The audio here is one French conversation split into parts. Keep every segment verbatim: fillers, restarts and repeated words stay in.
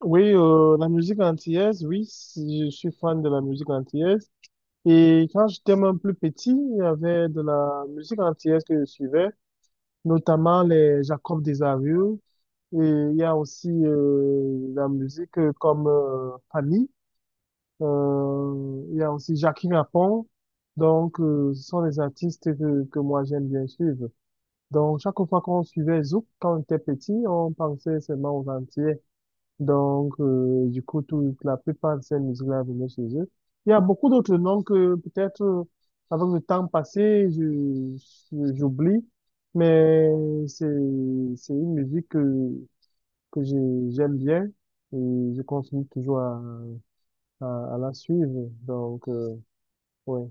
Oui, euh, la musique antillaise, oui, si- je suis fan de la musique antillaise. Et quand j'étais même plus petit, il y avait de la musique antillaise que je suivais, notamment les Jacob Desarieux. Et il y a aussi euh, la musique euh, comme euh, Fanny. Euh, il y a aussi Jackie Rapon. Donc, euh, ce sont des artistes que, que moi j'aime bien suivre. Donc, chaque fois qu'on suivait Zouk, quand on était petit, on pensait seulement aux Antillais. Donc, euh, du coup, toute la plupart de ces musiques-là venaient chez eux. Il y a beaucoup d'autres noms que peut-être, euh, avec le temps passé, je, je- j'oublie, mais c'est, c'est une musique que, que je- j'aime bien et je continue toujours à, à, à la suivre. Donc, euh, ouais.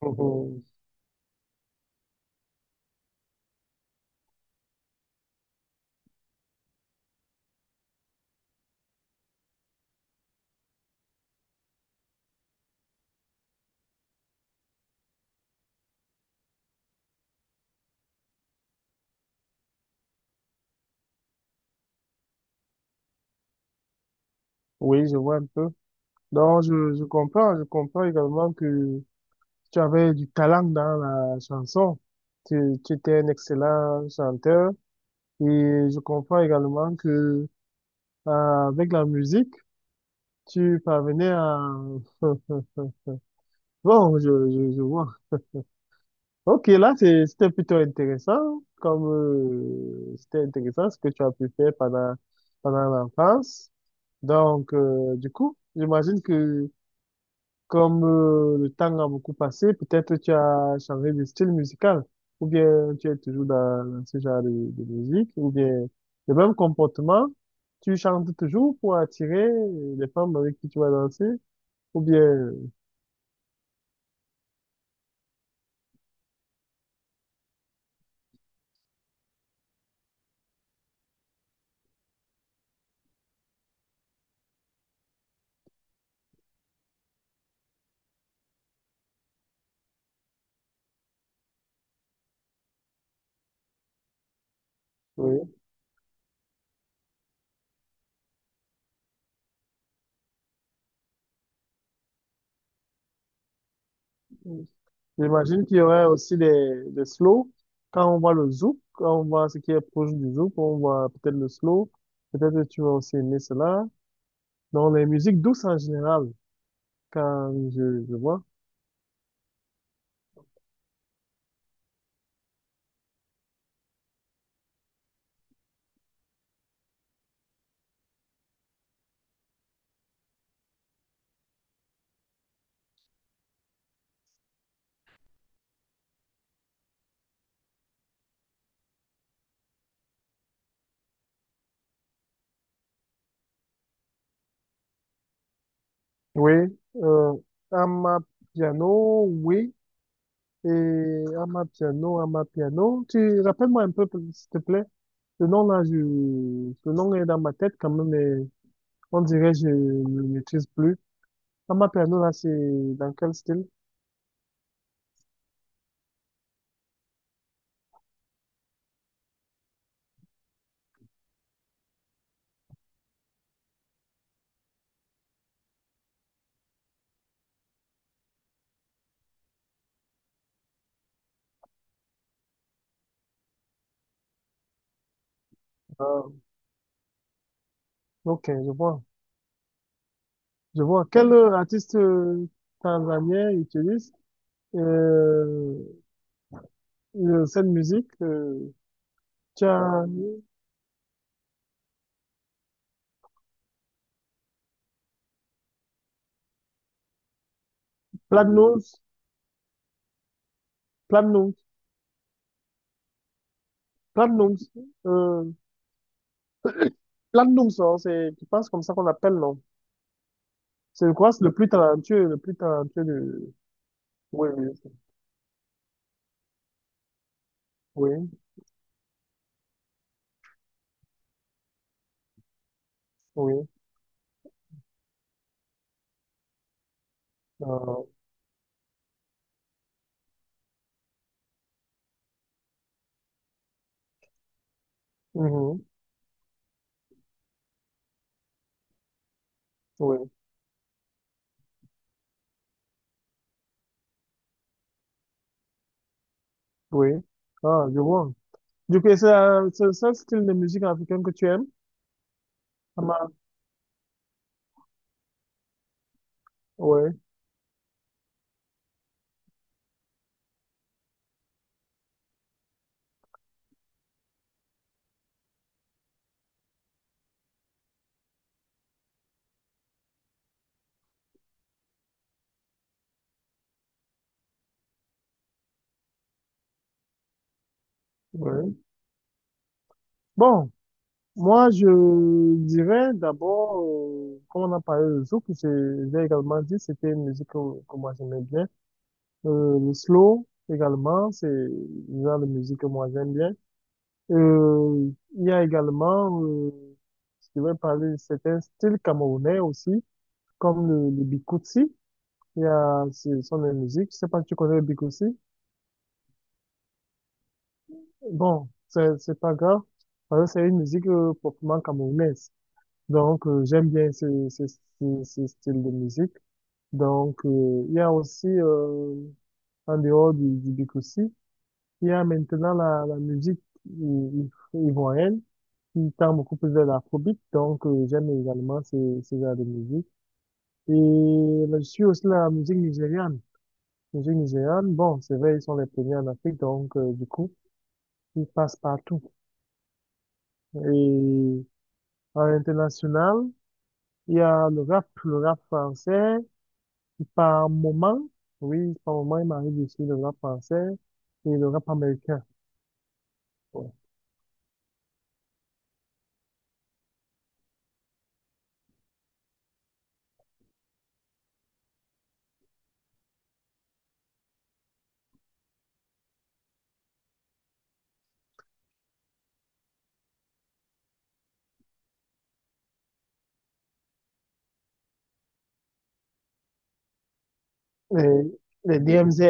Mhm. Oui, je vois un peu. Donc, je, je comprends, je comprends également que tu avais du talent dans la chanson. Tu, tu étais un excellent chanteur et je comprends également que euh, avec la musique, tu parvenais à... Bon, je, je, je vois. Ok, là, c'est- c'était plutôt intéressant, comme euh, c'était intéressant ce que tu as pu faire pendant, pendant l'enfance. Donc, euh, du coup, j'imagine que comme euh, le temps a beaucoup passé, peut-être tu as changé de style musical, ou bien tu es toujours dans, dans ce genre de, de musique, ou bien le même comportement, tu chantes toujours pour attirer euh, les femmes avec qui tu vas danser, ou bien, euh, oui. J'imagine qu'il y aurait aussi des, des slow. Quand on voit le zouk, quand on voit ce qui est proche du zouk, on voit peut-être le slow, peut-être tu vas aussi aimer cela. Donc les musiques douces en général, quand je, je vois. Oui, euh, Amapiano, oui, et Amapiano, Amapiano. Tu rappelles-moi un peu, s'il te plaît. Le nom là, je, le nom est dans ma tête quand même, mais on dirait que je ne le maîtrise plus. Amapiano là, c'est dans quel style? Ah, ok, je vois. Je vois. Quel euh, artiste euh, tanzanien utilise euh, euh, cette musique? Euh, tu as Platinum, Platinum, Platinum. Plandum, ça, hein, c'est, je pense comme ça qu'on appelle, non? C'est, je crois, que c'est le plus talentueux, le plus talentueux de, oui, oui, oui, oui, euh, mhm, oui, oui. Ah, je vois. Du coup, c'est euh, c'est le seul style de musique africaine que tu aimes? Ah, ma- Oui, oui. Bon, moi, je dirais d'abord, euh, comme on a parlé de Zouk, je- j'ai également dit, c'était une musique que, que moi j'aimais bien. Euh, le slow, également, c'est le genre de musique que moi j'aime bien. Euh, il y a également, euh, je vais parler de certains styles camerounais aussi, comme le, le bikutsi. Il y a, ce sont des musiques. Je sais pas si tu connais le bikutsi. Bon, c'est, c'est pas grave, parce que c'est une musique euh, proprement camerounaise. Donc, euh, j'aime bien ce, ce, ce, ce style de musique. Donc, euh, il y a aussi, euh, en dehors du, du bikutsi, il y a maintenant la, la musique i- i- ivoirienne qui tend beaucoup plus vers l'afrobeat. Donc, euh, j'aime également ce, ce genre de musique. Et là, je suis aussi la musique nigériane. La musique nigériane, bon, c'est vrai, ils sont les premiers en Afrique, donc euh, du coup, ils passent partout. Et à l'international, il y a le rap, le rap français. Par moment, oui, par moment, il m'arrive aussi le rap français et le rap américain. Ouais. Et les D M Z.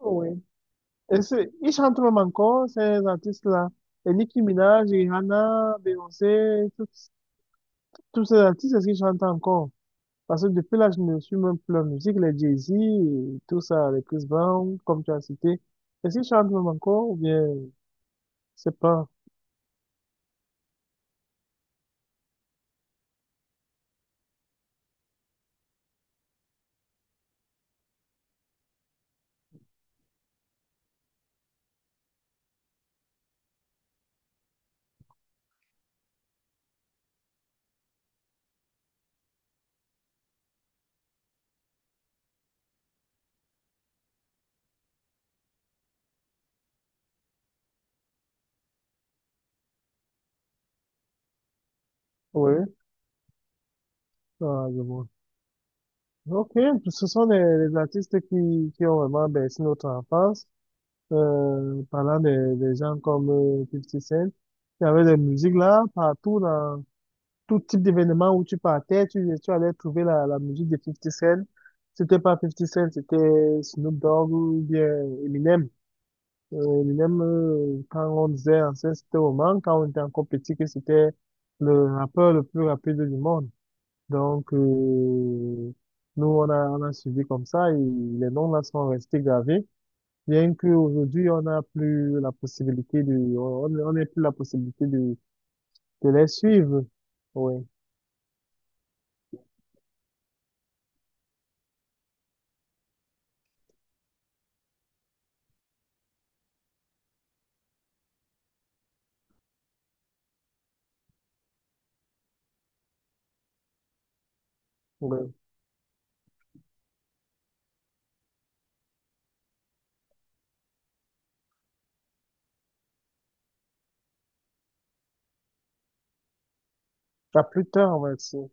Oui. Et c'est- ils chantent même encore, ces artistes-là. Et Nicki Minaj, Rihanna, Beyoncé, tous tous ces artistes, est-ce qu'ils chantent encore? Parce que depuis là, je ne suis même plus la musique, les Jay-Z, et tout ça, les Chris Brown, comme tu as cité. Est-ce qu'ils chantent même encore ou bien, c'est pas. Oui, ah, je vois. Ok, ce sont les, les artistes qui, qui ont vraiment bercé notre enfance. Euh, parlant des, des gens comme euh, fifty Cent, il y avait des musiques là, partout tout type d'événement où tu partais, tu, tu allais trouver la, la musique de Fifty Cent. C'était pas Fifty Cent, c'était Snoop Dogg ou bien Eminem. Euh, Eminem, euh, quand on disait ancien, c'était moment, quand on était encore petit, que c'était le rappeur le plus rapide du monde. Donc, euh, nous, on a, on a suivi comme ça et les noms là sont restés gravés. Bien qu'aujourd'hui, on n'a plus la possibilité de, on on n'a plus la possibilité de, de les suivre. Oui. À plus tard, ouais, c'est-